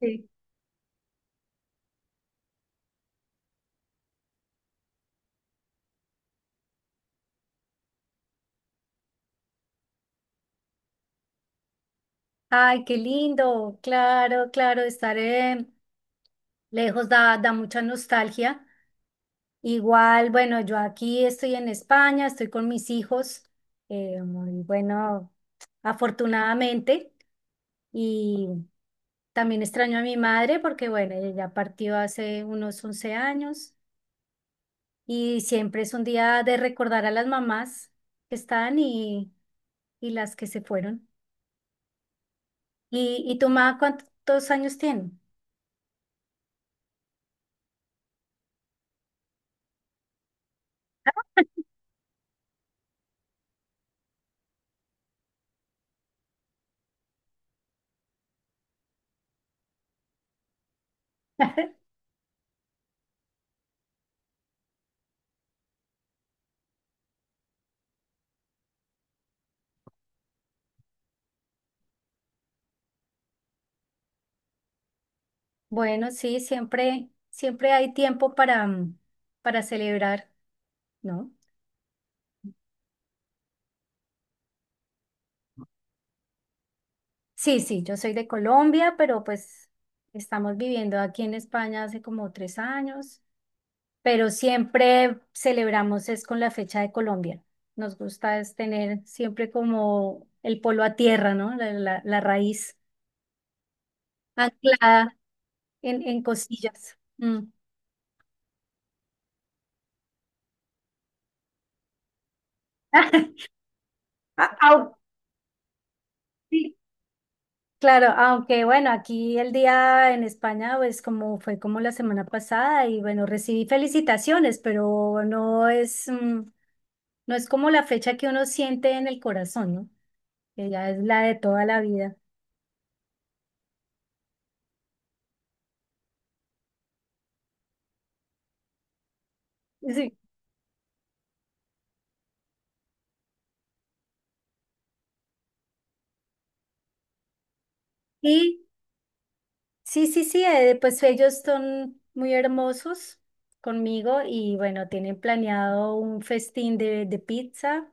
Sí. Ay, qué lindo, claro, claro, estar lejos da mucha nostalgia. Igual, bueno, yo aquí estoy en España, estoy con mis hijos, muy bueno, afortunadamente, y también extraño a mi madre porque, bueno, ella ya partió hace unos 11 años y siempre es un día de recordar a las mamás que están y las que se fueron. ¿Y tu mamá cuántos años tiene? Bueno, sí, siempre, hay tiempo para celebrar, ¿no? Sí, sí, yo soy de Colombia, pero pues estamos viviendo aquí en España hace como 3 años, pero siempre celebramos es con la fecha de Colombia. Nos gusta es tener siempre como el polo a tierra, ¿no? La raíz anclada en cosillas. Mm. Au- Claro, aunque bueno, aquí el día en España, pues como fue como la semana pasada y bueno, recibí felicitaciones, pero no es como la fecha que uno siente en el corazón, ¿no? Que ya es la de toda la vida. Sí. Y sí, sí, sí, pues ellos son muy hermosos conmigo y bueno, tienen planeado un festín de pizza.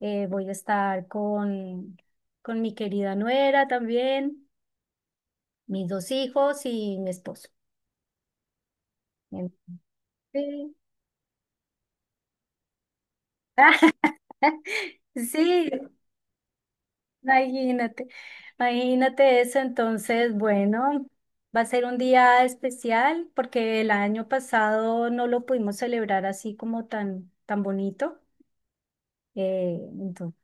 Voy a estar con mi querida nuera también. Mis dos hijos y mi esposo. Sí. Sí, imagínate, imagínate eso. Entonces, bueno, va a ser un día especial porque el año pasado no lo pudimos celebrar así como tan, tan bonito. Entonces,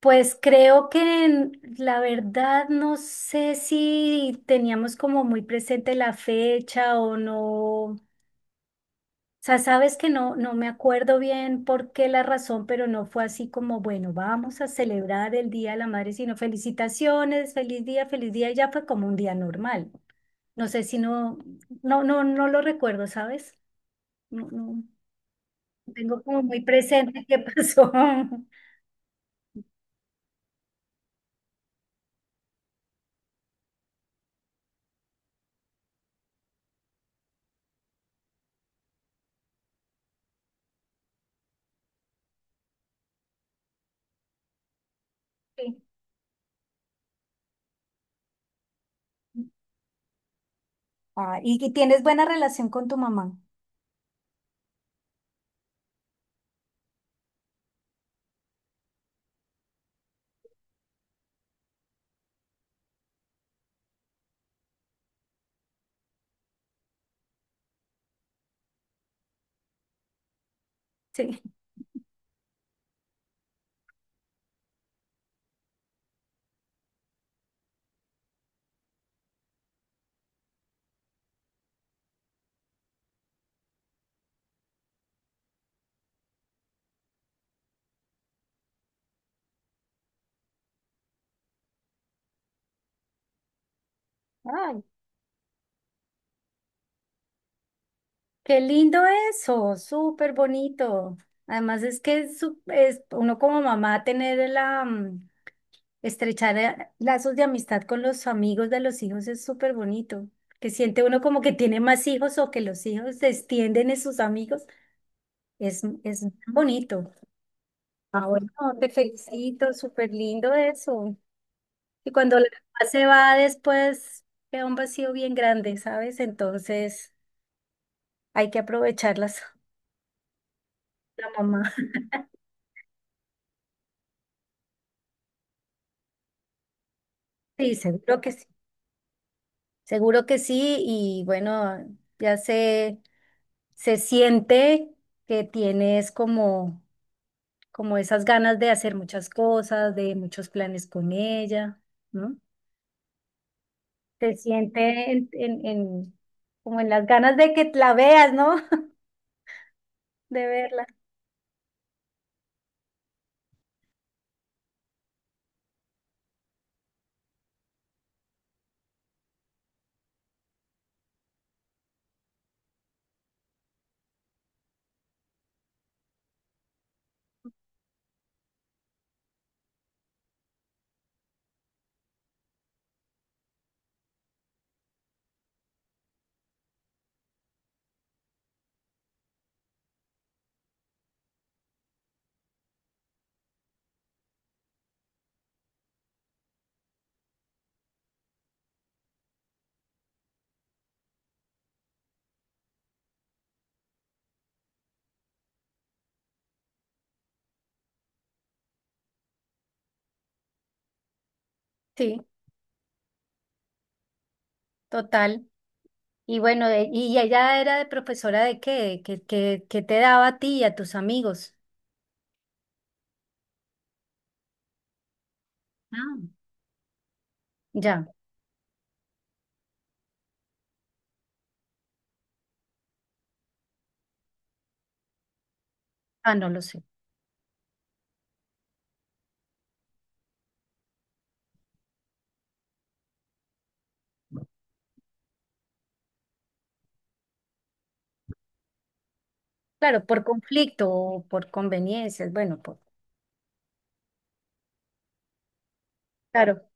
pues creo que la verdad no sé si teníamos como muy presente la fecha o no. O sea, sabes que no, no me acuerdo bien por qué la razón, pero no fue así como, bueno, vamos a celebrar el Día de la Madre, sino felicitaciones, feliz día, y ya fue como un día normal. No sé si no, no, no, no lo recuerdo, ¿sabes? No, no, tengo como muy presente qué pasó. Sí. Ah, y tienes buena relación con tu mamá. Sí. Ay, qué lindo eso, súper bonito. Además es que es uno como mamá tener estrechar lazos de amistad con los amigos de los hijos es súper bonito. Que siente uno como que tiene más hijos o que los hijos se extienden en sus amigos. Es bonito. Ah, bueno, te felicito, súper lindo eso. Y cuando la mamá se va después, queda un vacío bien grande, ¿sabes? Entonces hay que aprovecharlas, la mamá. Sí, seguro que sí. Seguro que sí. Y bueno, ya se siente que tienes como esas ganas de hacer muchas cosas, de muchos planes con ella, ¿no? Se siente en como en las ganas de que la veas, ¿no? De verla. Sí, total. Y bueno, ¿y ella era de profesora de qué? ¿Qué, qué te daba a ti y a tus amigos? Ah, ya. Ah, no lo sé. Claro, por conflicto o por conveniencias, bueno, por... Claro.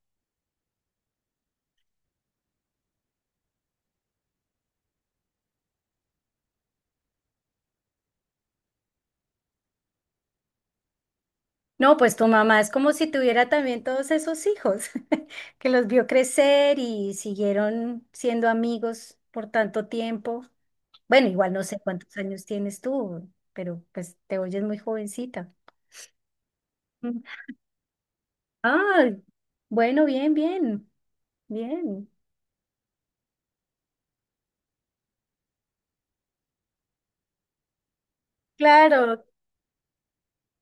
No, pues tu mamá es como si tuviera también todos esos hijos que los vio crecer y siguieron siendo amigos por tanto tiempo. Bueno, igual no sé cuántos años tienes tú, pero pues te oyes muy jovencita. Mm. Ah, bueno, bien, bien, bien. Claro,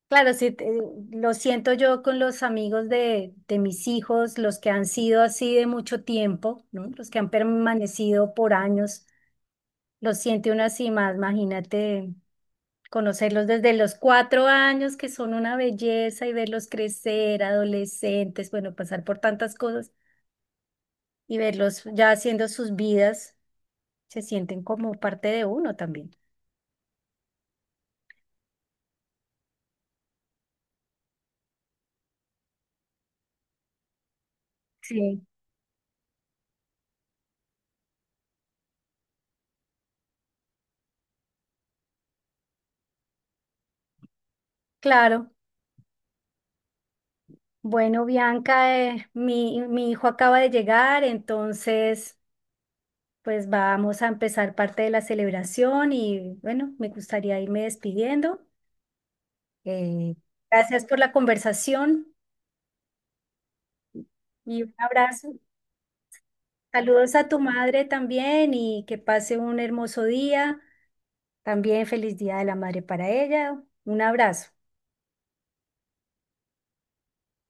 claro, sí, lo siento yo con los amigos de mis hijos, los que han sido así de mucho tiempo, ¿no? Los que han permanecido por años. Los siente uno así más, imagínate. Conocerlos desde los 4 años, que son una belleza, y verlos crecer, adolescentes, bueno, pasar por tantas cosas y verlos ya haciendo sus vidas, se sienten como parte de uno también. Sí. Claro. Bueno, Bianca, mi hijo acaba de llegar, entonces pues vamos a empezar parte de la celebración y bueno, me gustaría irme despidiendo. Eh, Gracias por la conversación y un abrazo. Saludos a tu madre también y que pase un hermoso día. También feliz Día de la Madre para ella. Un abrazo.